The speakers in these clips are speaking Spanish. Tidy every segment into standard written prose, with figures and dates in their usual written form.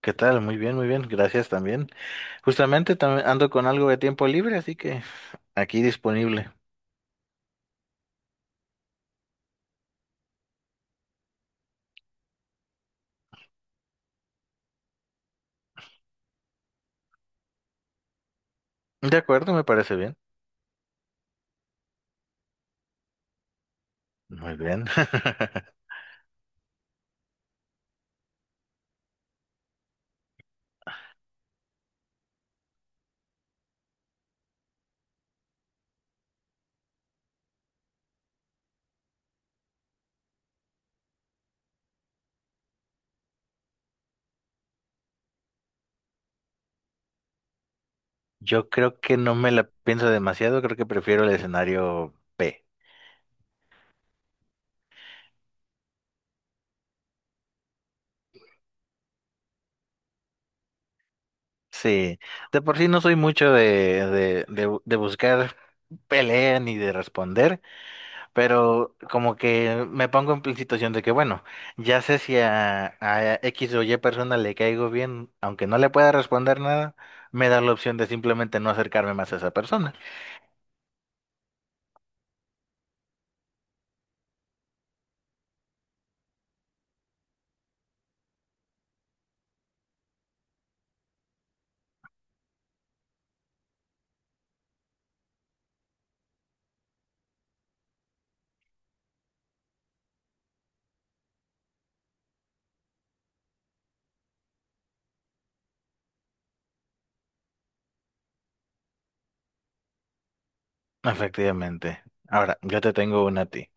¿Qué tal? Muy bien, muy bien. Gracias también. Justamente también ando con algo de tiempo libre, así que aquí disponible. De acuerdo, me parece bien. Muy bien. Yo creo que no me la pienso demasiado, creo que prefiero el escenario B. Sí, de por sí no soy mucho de buscar pelea ni de responder, pero como que me pongo situación de que, bueno, ya sé si a X o Y persona le caigo bien, aunque no le pueda responder nada, me da la opción de simplemente no acercarme más a esa persona. Efectivamente. Ahora, yo te tengo una a ti.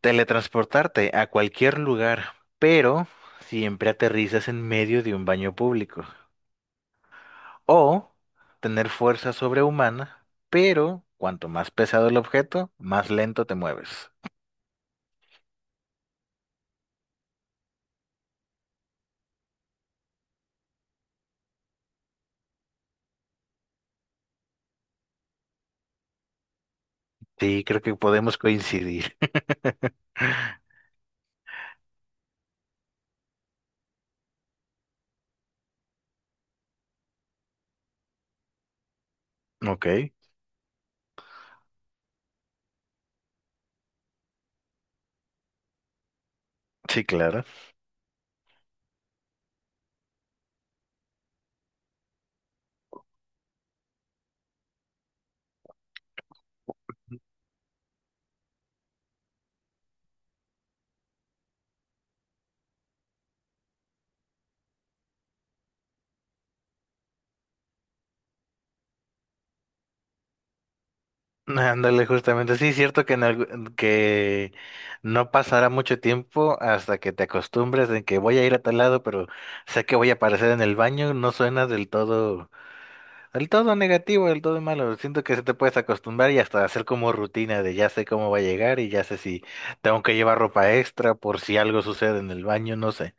Teletransportarte a cualquier lugar, pero siempre aterrizas en medio de un baño público. O tener fuerza sobrehumana, pero cuanto más pesado el objeto, más lento te mueves. Sí, creo que podemos coincidir. Ok, sí, claro. Ándale, justamente. Sí, es cierto que, que no pasará mucho tiempo hasta que te acostumbres en que voy a ir a tal lado, pero sé que voy a aparecer en el baño. No suena del todo negativo, del todo malo. Siento que se te puedes acostumbrar y hasta hacer como rutina de ya sé cómo va a llegar y ya sé si tengo que llevar ropa extra por si algo sucede en el baño, no sé.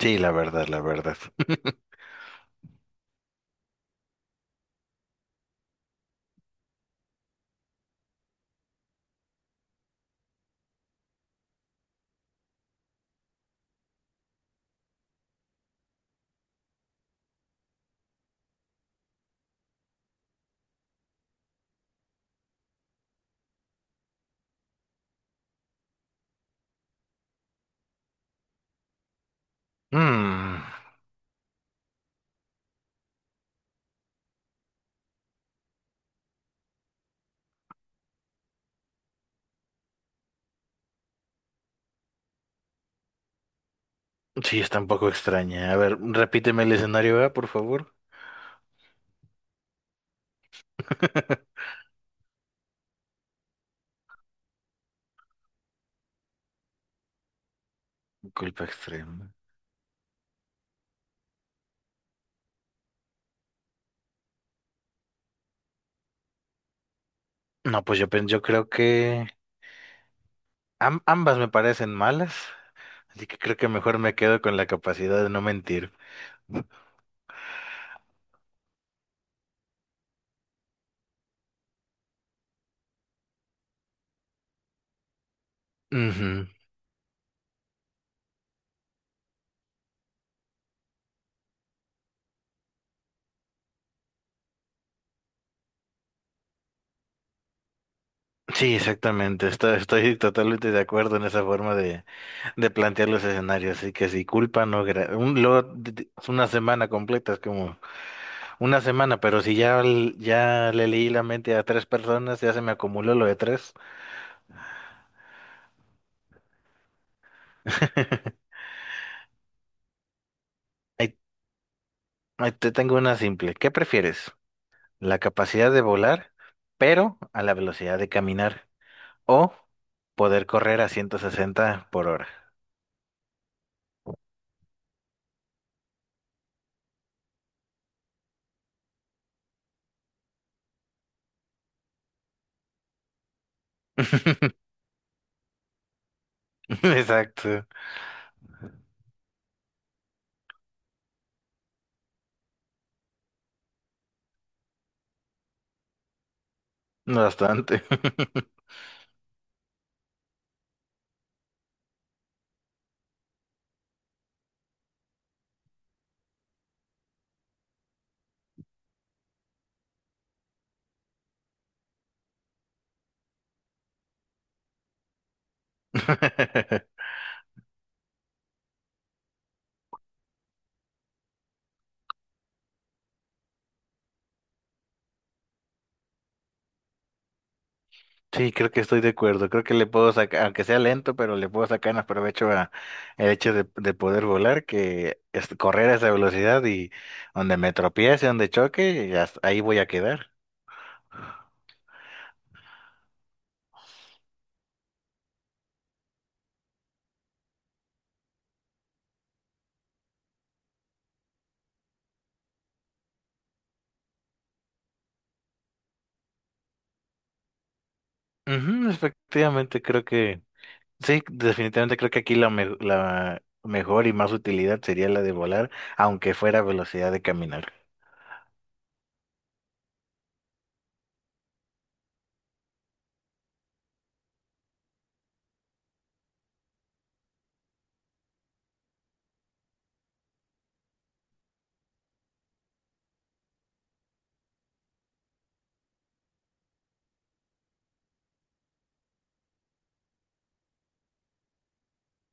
Sí, la verdad, la verdad. Mm. Sí, está un poco extraña. A ver, repíteme el escenario A, por favor. Culpa extrema. No, pues yo creo que ambas me parecen malas, así que creo que mejor me quedo con la capacidad de no mentir. Ujú. Sí, exactamente. Estoy, estoy totalmente de acuerdo en esa forma de plantear los escenarios. Así que si culpa, no. gra- Un, lo- d- d- Una semana completa, es como una semana, pero si ya le leí la mente a tres personas, ya se me acumuló lo de tres. Ahí Ahí te tengo una simple. ¿Qué prefieres? ¿La capacidad de volar, pero a la velocidad de caminar? ¿O poder correr a 160 por hora? Exacto. Bastante. Sí, creo que estoy de acuerdo. Creo que le puedo sacar, aunque sea lento, pero le puedo sacar más provecho a el hecho de poder volar que correr a esa velocidad y donde me tropiece, donde choque, y hasta ahí voy a quedar. Ujú, efectivamente, creo que sí, definitivamente creo que aquí la mejor y más utilidad sería la de volar, aunque fuera velocidad de caminar.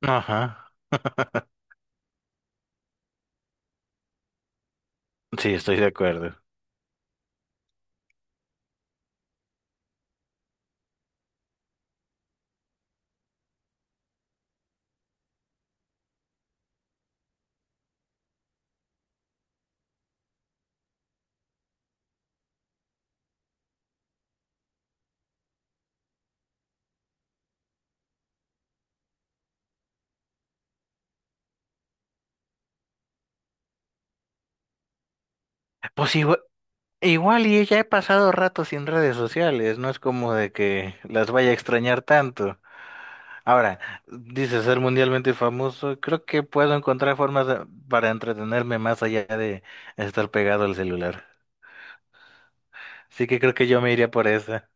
Ajá. Sí, estoy de acuerdo. Pues igual, y ya he pasado rato sin redes sociales, no es como de que las vaya a extrañar tanto. Ahora, dice ser mundialmente famoso, creo que puedo encontrar formas para entretenerme más allá de estar pegado al celular. Así que creo que yo me iría por esa.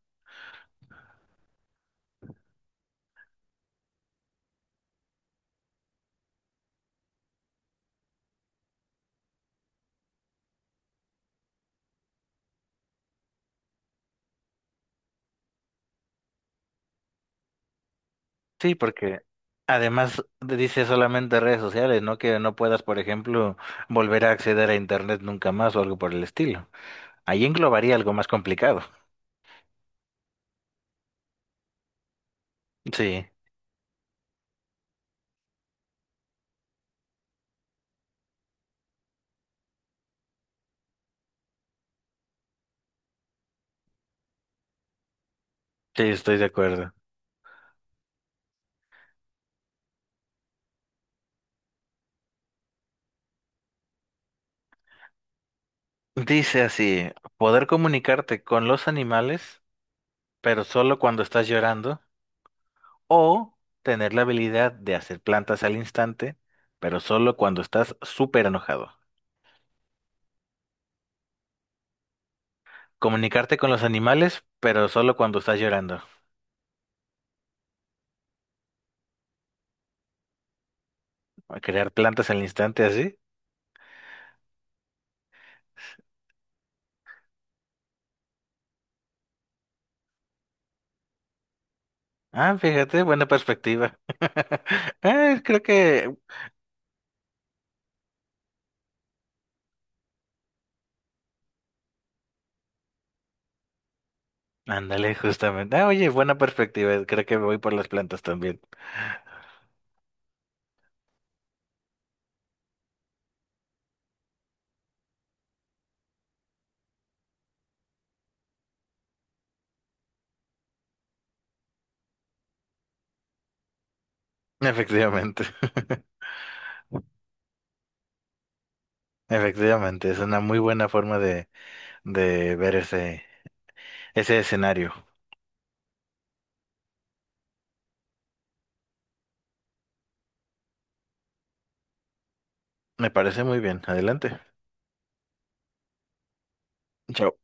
Sí, porque además dice solamente redes sociales, ¿no? Que no puedas, por ejemplo, volver a acceder a internet nunca más o algo por el estilo. Ahí englobaría algo más complicado. Sí, sí, estoy de acuerdo. Dice así, poder comunicarte con los animales, pero solo cuando estás llorando, o tener la habilidad de hacer plantas al instante, pero solo cuando estás súper enojado. Comunicarte con los animales, pero solo cuando estás llorando. Crear plantas al instante así. Ah, fíjate, buena perspectiva. Ah, creo que... Ándale, justamente. Ah, oye, buena perspectiva. Creo que me voy por las plantas también. Efectivamente. Efectivamente, es una muy buena forma de ver ese, ese escenario. Me parece muy bien. Adelante. Chao.